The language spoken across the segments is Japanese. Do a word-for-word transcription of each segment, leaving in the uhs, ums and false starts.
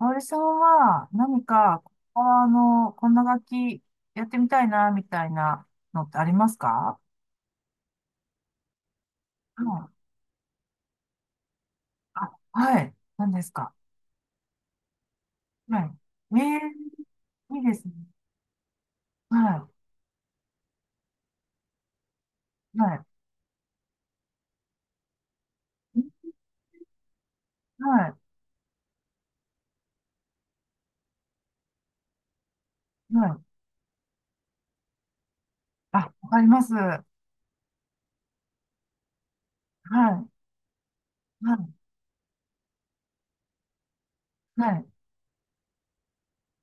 おおれさんは何か、このあのこんな書きやってみたいなみたいなのってありますか？うん、あ、はい、なんですか？はい。ええ、いいですね。はいはい、ん、はいはい、あ、わかります、はい、はい、はい。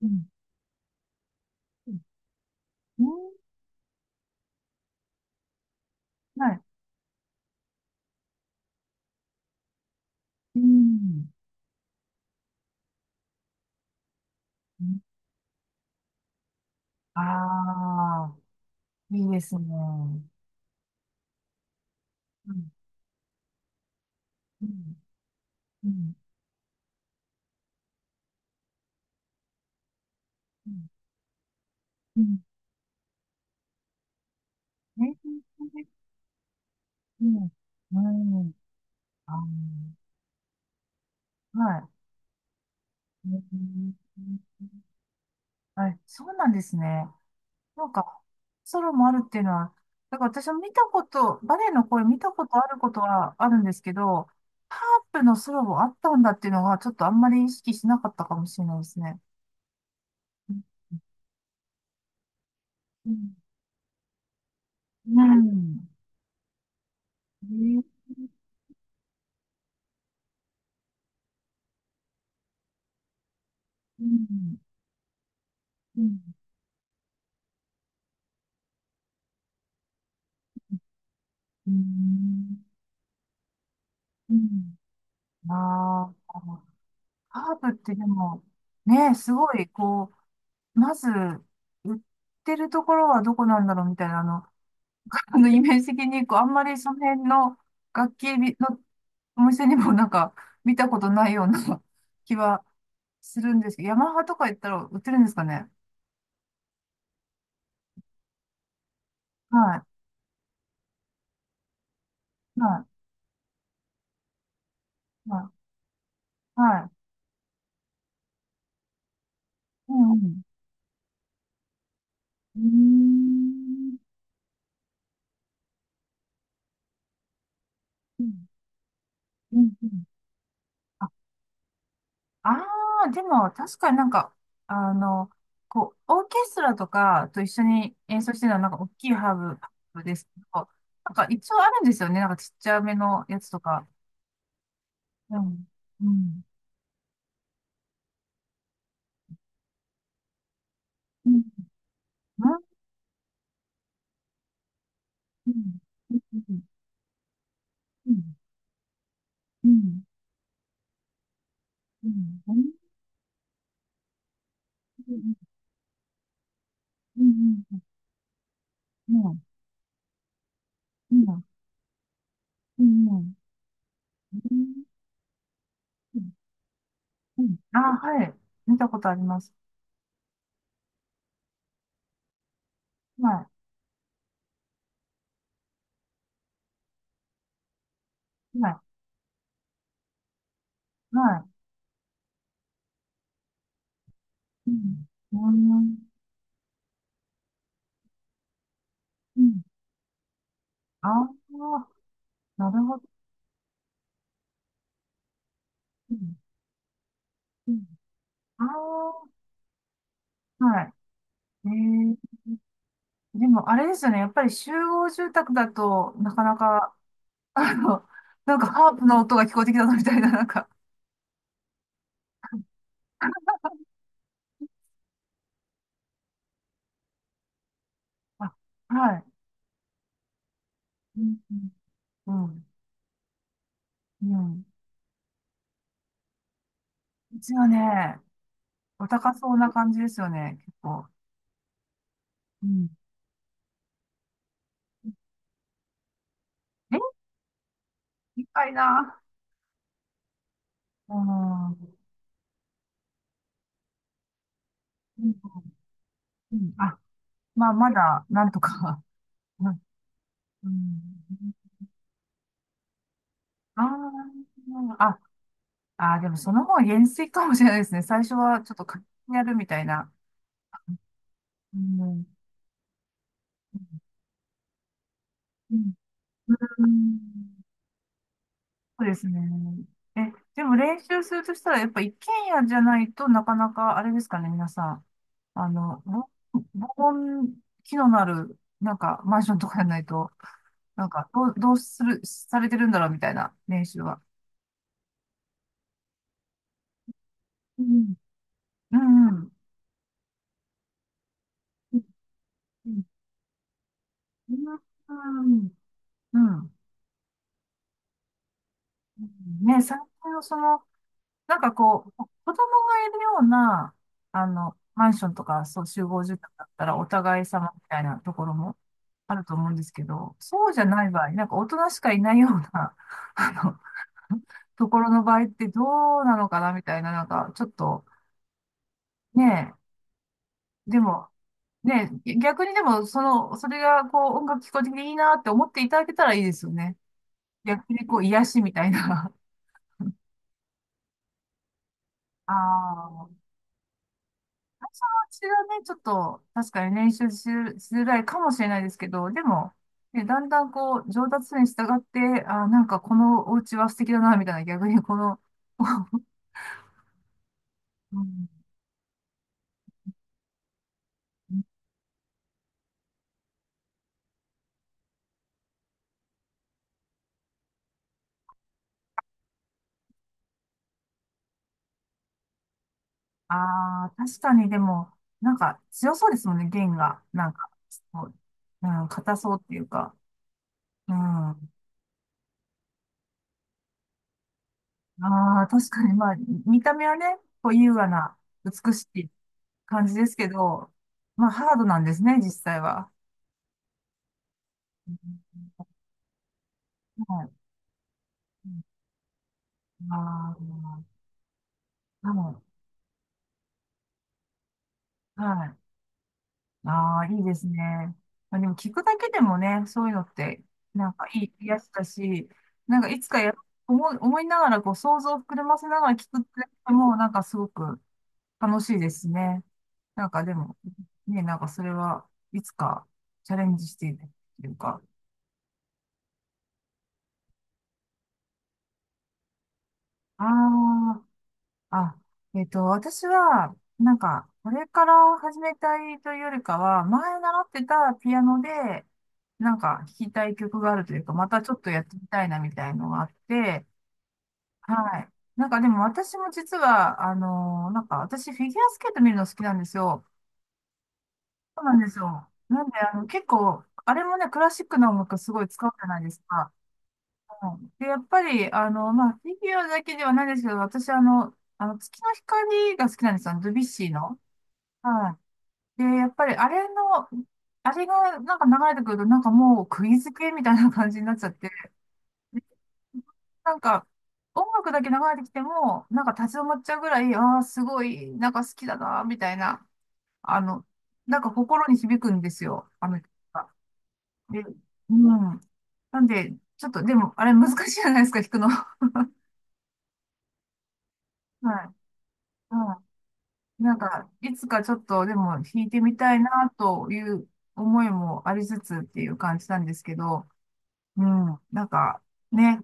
うんうん、はい、うん、ああー、いいですね。うんうんうんうんうん、えーうんうんはい、あー、はい。うん、はい、そうなんですね。なんか、ソロもあるっていうのは、だから私も見たこと、バレエの声見たことあることはあるんですけど、ハープのソロもあったんだっていうのは、ちょっとあんまり意識しなかったかもしれないですね。うんうん。うん。うん。うん。うんうん、ああ、ハープってでも、ね、すごい、こう、まず、売ってるところはどこなんだろうみたいな、あの、あのイメージ的に、こう、あんまりその辺の楽器のお店にもなんか見たことないような 気はするんですけど、ヤマハとか言ったら売ってるんですかね？はい、はい、はい、はい。うん、うん。うーん、うん、うん。うん、あ、ああ、でも確かになんか、あの、こう、オーケストラとかと一緒に演奏してるのはなんか大きいハーブ、ハーブですけど、なんか一応あるんですよね。なんかちっちゃめのやつとか。うん。うん。うん。うん。うん。うん。うん。うん。うん。うん。うん。うん。うん。ああ、はい。見たことあります。はい。はい。はい。うん。うん。うん。ああ、なるほど。うんうん、ああ、はい。えー、でもあれですよね。やっぱり集合住宅だとなかなか、あの、なんかハープの音が聞こえてきたぞみたいな、なんか。あ、はい。うん、うん、うん。うん、一応ね、お高そうな感じですよね、結構。うん。え、高いな。うん。うんうん、あ、まあ、まだ、なんとか。うん。うん、あーあ、ああ、でもその方が減衰かもしれないですね。最初はちょっと課金やるみたいな。うん。うん。うん、そうですね。え、でも練習するとしたら、やっぱ一軒家じゃないとなかなかあれですかね、皆さん。あの、ぼ防音機能のある、なんかマンションとかじゃないと、なんかどう、どうする、されてるんだろうみたいな練習は。うん。うん。うん。うん。うん。うんね、最近のその、なんかこう、子供がいるような、あの、マンションとか、そう、集合住宅だったら、お互い様みたいなところもあると思うんですけど、そうじゃない場合、なんか大人しかいないような、あの、ところの場合ってどうなのかなみたいな、なんか、ちょっと、ねえ、でも、ねえ、逆にでも、その、それが、こう、音楽聞こえてきていいなって思っていただけたらいいですよね。逆に、こう、癒しみたいな。ああ。私はね、ちょっと、確かに練習し、しづらいかもしれないですけど、でも、ね、だんだんこう、上達するに従って、あー、なんかこのお家は素敵だな、みたいな、逆にこの、うん。 ああ、確かにでも、なんか強そうですもんね、弦が。なんか、こう、うん、硬そうっていうか。うん。ああ、確かに、まあ、見た目はね、こう、優雅な、美しい感じですけど、まあ、ハードなんですね、実際は。うん、はい。ああー、はい。はい。ああ、いいですね。まあ、でも聞くだけでもね、そういうのって、なんかいい癒やしだし、なんかいつかや、思い、思いながらこう想像を膨らませながら聞くって、もうなんかすごく楽しいですね。なんかでも、ね、なんかそれはいつかチャレンジしているというか。ああ、あ、えっと、私は、なんか、これから始めたいというよりかは、前習ってたピアノで、なんか弾きたい曲があるというか、またちょっとやってみたいなみたいのがあって、はい。なんかでも私も実は、あのーなんか私フィギュアスケート見るの好きなんですよ。そうなんですよ。なんで、あの、結構、あれもね、クラシックの音楽すごい使うじゃないですか。うん、で、やっぱり、あの、まあ、フィギュアだけではないですけど、私、あの、あの、月の光が好きなんですよ。ドビュッシーの。はい。で、やっぱりあれの、あれがなんか流れてくると、なんかもう釘付けみたいな感じになっちゃって、で、なんか音楽だけ流れてきても、なんか立ち止まっちゃうぐらい、ああ、すごい、なんか好きだな、みたいな、あの、なんか心に響くんですよ、あの曲が。で、うん。なんで、ちょっと、でも、あれ難しいじゃないですか、弾くの。はい。うん。なんか、いつかちょっと、でも弾いてみたいな、という思いもありつつっていう感じなんですけど、うん。なんか、ね。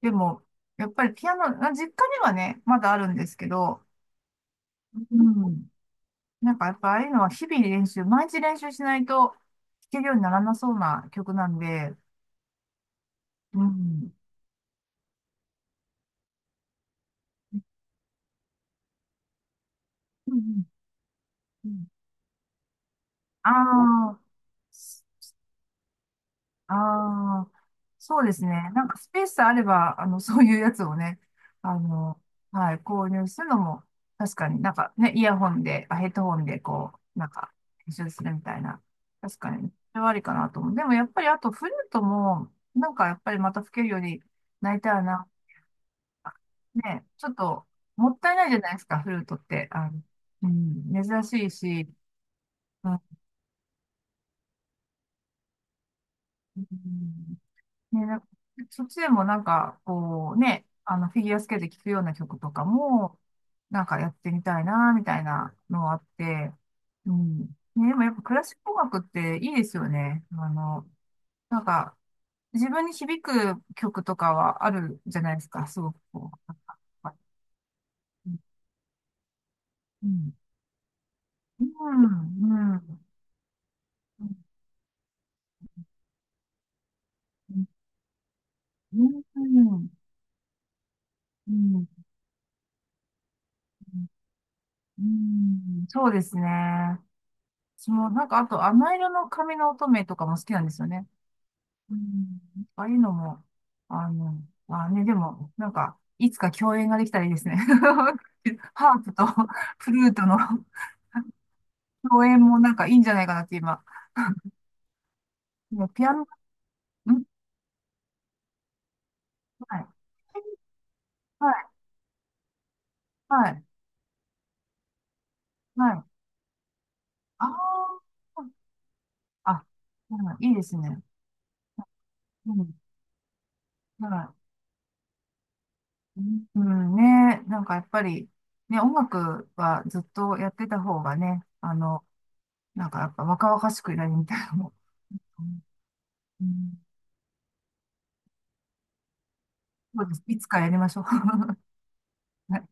でも、やっぱりピアノ、あ、実家にはね、まだあるんですけど、うん。なんかやっぱああいうのは日々練習、毎日練習しないと弾けるようにならなそうな曲なんで、うん。うんうんうん、ああ、ああ、そうですね。なんかスペースあれば、あの、そういうやつをね、あの、はい、購入するのも、確かになんかね、イヤホンで、あ、ヘッドホンで、こう、なんか、編集するみたいな、確かに、それはありかなと思う。でもやっぱり、あと、フルートも、なんかやっぱりまた吹けるようになりたいな。ね、ちょっと、もったいないじゃないですか、フルートって。あの、うん、珍しいし、うん、ね、なんかそっちでもなんか、こうね、あの、フィギュアスケート聴くような曲とかも、なんかやってみたいな、みたいなのがあって、うん。ね、でもやっぱクラシック音楽っていいですよね。あの、なんか、自分に響く曲とかはあるじゃないですか、すごくこう。なんか、うん。うん。うん。うん。うん。うん。うん。うん、そうですね。そう、なんかあと、甘色の髪の乙女とかも好きなんですよね。うん。ああいうのも、あの、まあね、でも、なんか、いつか共演ができたらいいですね。ハープとフルートの共演もなんかいいんじゃないかなって今。ね、ピアノ、ん、はい。はい、はい、はい。あーあ、うん、いいですね。うん、はい。うん、ね、なんかやっぱり、ね、音楽はずっとやってた方がね、あの、なんか、やっぱ若々しくやりみたいなも。ん、うん、そうです。いつかやりましょう。はい